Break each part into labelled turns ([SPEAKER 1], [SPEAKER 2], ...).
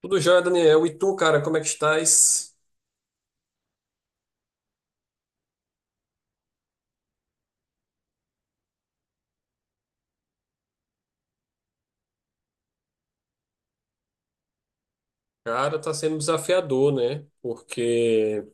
[SPEAKER 1] Tudo jóia, Daniel. E tu, cara, como é que estás? Cara, tá sendo desafiador, né? Porque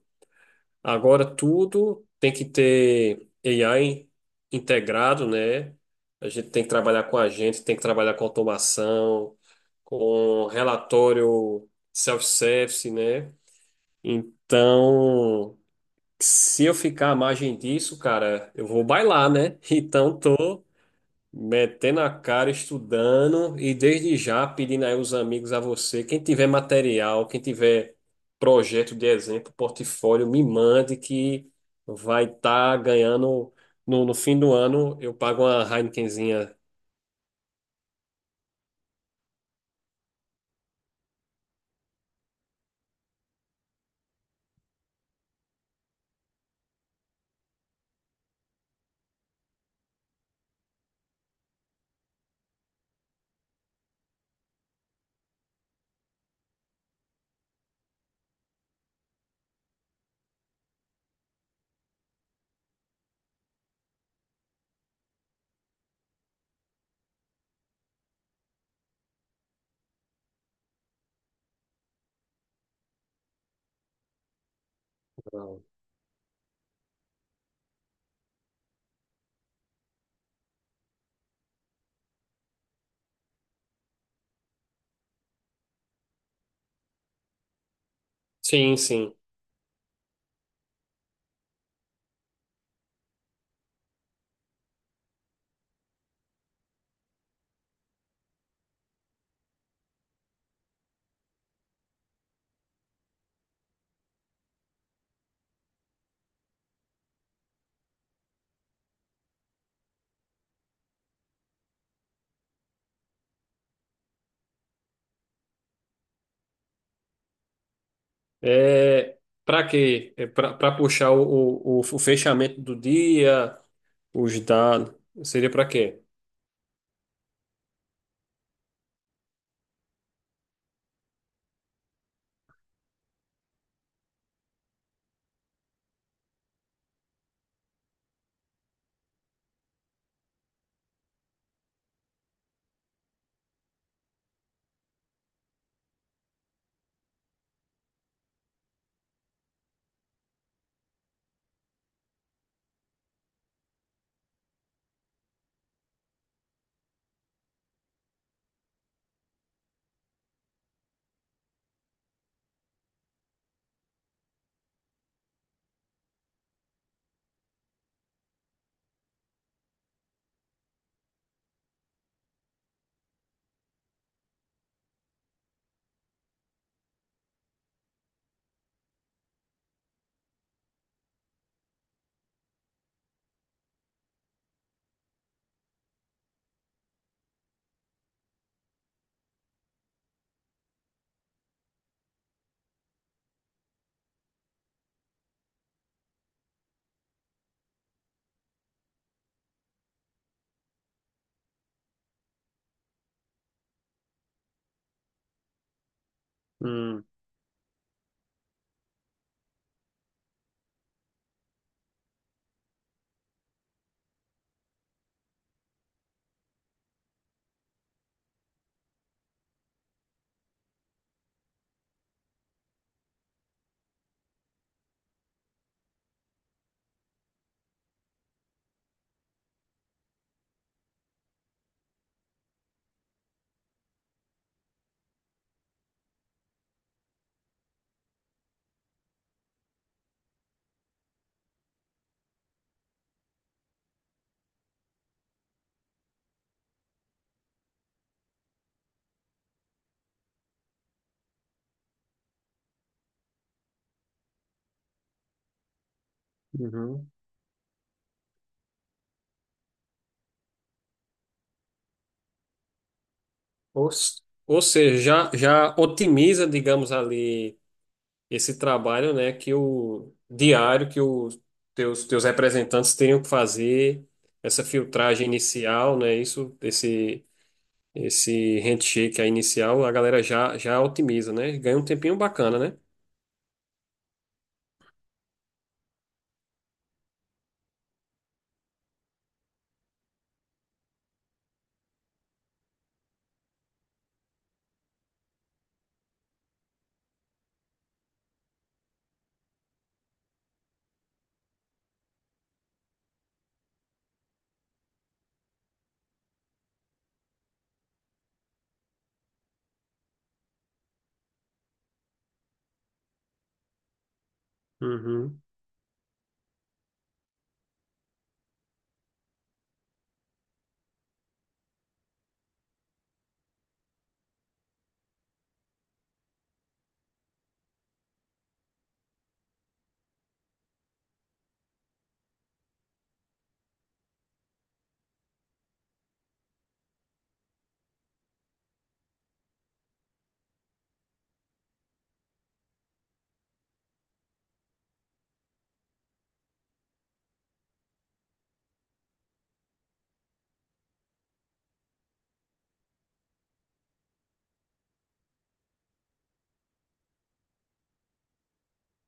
[SPEAKER 1] agora tudo tem que ter AI integrado, né? A gente tem que trabalhar com a gente, tem que trabalhar com automação, com relatório self-service, né? Então, se eu ficar à margem disso, cara, eu vou bailar, né? Então, tô metendo a cara, estudando e desde já pedindo aí os amigos a você. Quem tiver material, quem tiver projeto de exemplo, portfólio, me mande que vai estar ganhando. No fim do ano, eu pago uma Heinekenzinha. Sim. É, para quê? É para puxar o fechamento do dia, os dados. Seria para quê? Hum, uhum. Ou, ou seja, já otimiza, digamos ali, esse trabalho, né, que o diário que os teus representantes tenham que fazer essa filtragem inicial, né, isso, esse handshake aí inicial, a galera já otimiza, né, ganha um tempinho bacana, né? Uhum,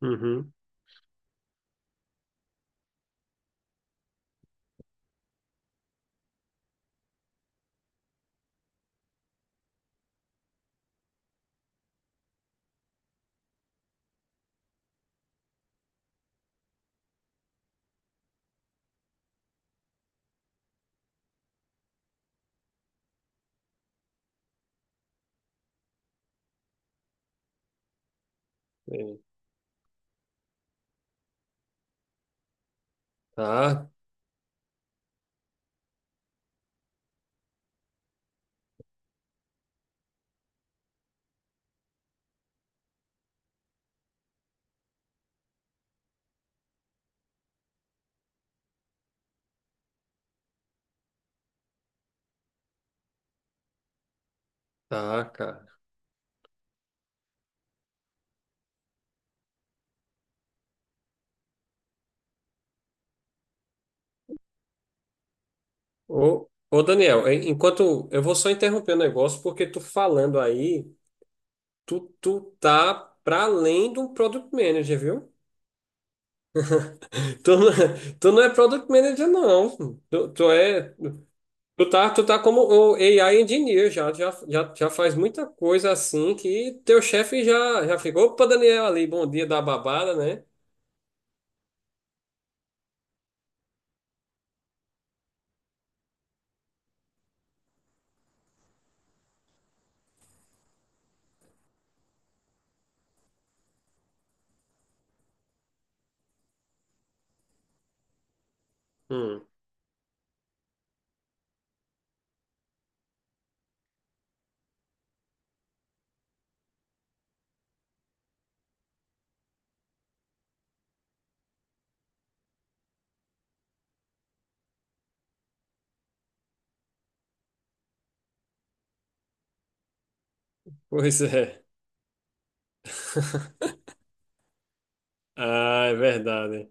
[SPEAKER 1] uhum. É. Tá, tá, cara. Ô, ô Daniel, enquanto eu vou só interromper o negócio porque tu falando aí, tu tá para além de um product manager, viu? Tu não, tu não é Product Manager, não. Tu é, tu tá como o AI Engineer, já faz muita coisa assim que teu chefe já ficou. Opa, Daniel ali, bom dia da babada, né? Hum, pois é. Ah, é verdade.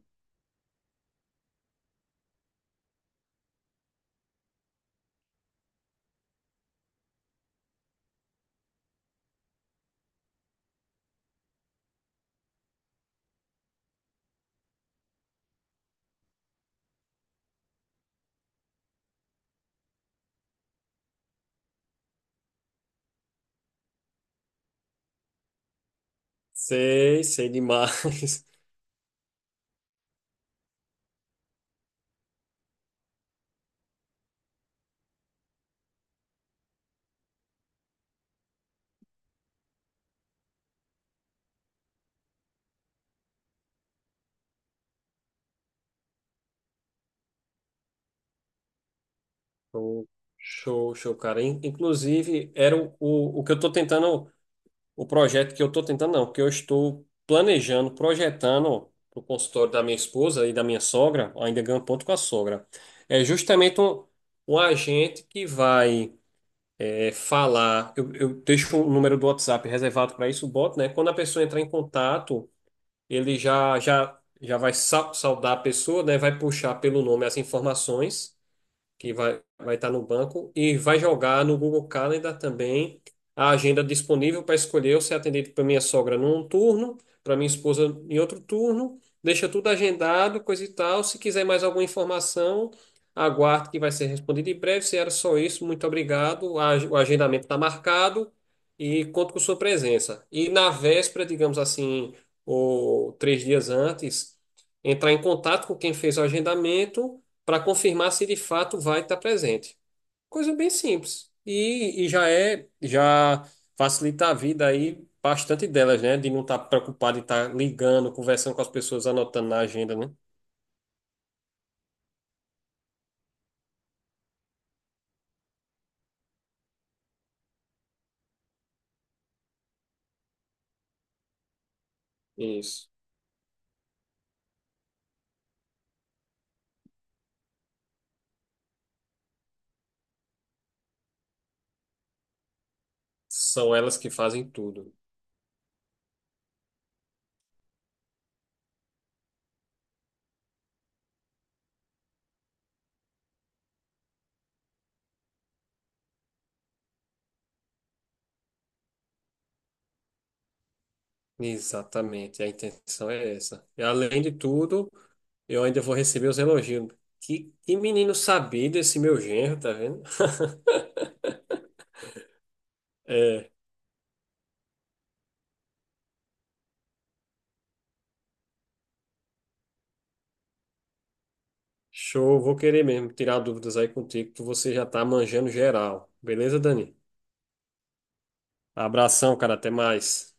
[SPEAKER 1] Sei demais. Show, show, cara. Inclusive, era o, o que eu tô tentando. O projeto que eu estou tentando, não, que eu estou planejando, projetando para o consultório da minha esposa e da minha sogra, ainda ganho ponto com a sogra, é justamente um, um agente que vai é, falar. Eu deixo o número do WhatsApp reservado para isso, o né? Quando a pessoa entrar em contato, ele já vai saudar a pessoa, né? Vai puxar pelo nome as informações que vai estar no banco e vai jogar no Google Calendar também a agenda disponível para escolher ou ser atendido para minha sogra num turno, para minha esposa em outro turno. Deixa tudo agendado, coisa e tal. Se quiser mais alguma informação, aguarde que vai ser respondido em breve. Se era só isso, muito obrigado. O agendamento está marcado e conto com sua presença. E na véspera, digamos assim, ou três dias antes, entrar em contato com quem fez o agendamento para confirmar se de fato vai estar presente. Coisa bem simples. E já é, já facilita a vida aí bastante delas, né? De não estar preocupado em estar ligando, conversando com as pessoas, anotando na agenda, né? Isso. São elas que fazem tudo. Exatamente, a intenção é essa. E além de tudo, eu ainda vou receber os elogios. Que menino sabido esse meu genro, tá vendo? É. Show, vou querer mesmo tirar dúvidas aí contigo, que você já tá manjando geral. Beleza, Dani? Abração, cara, até mais.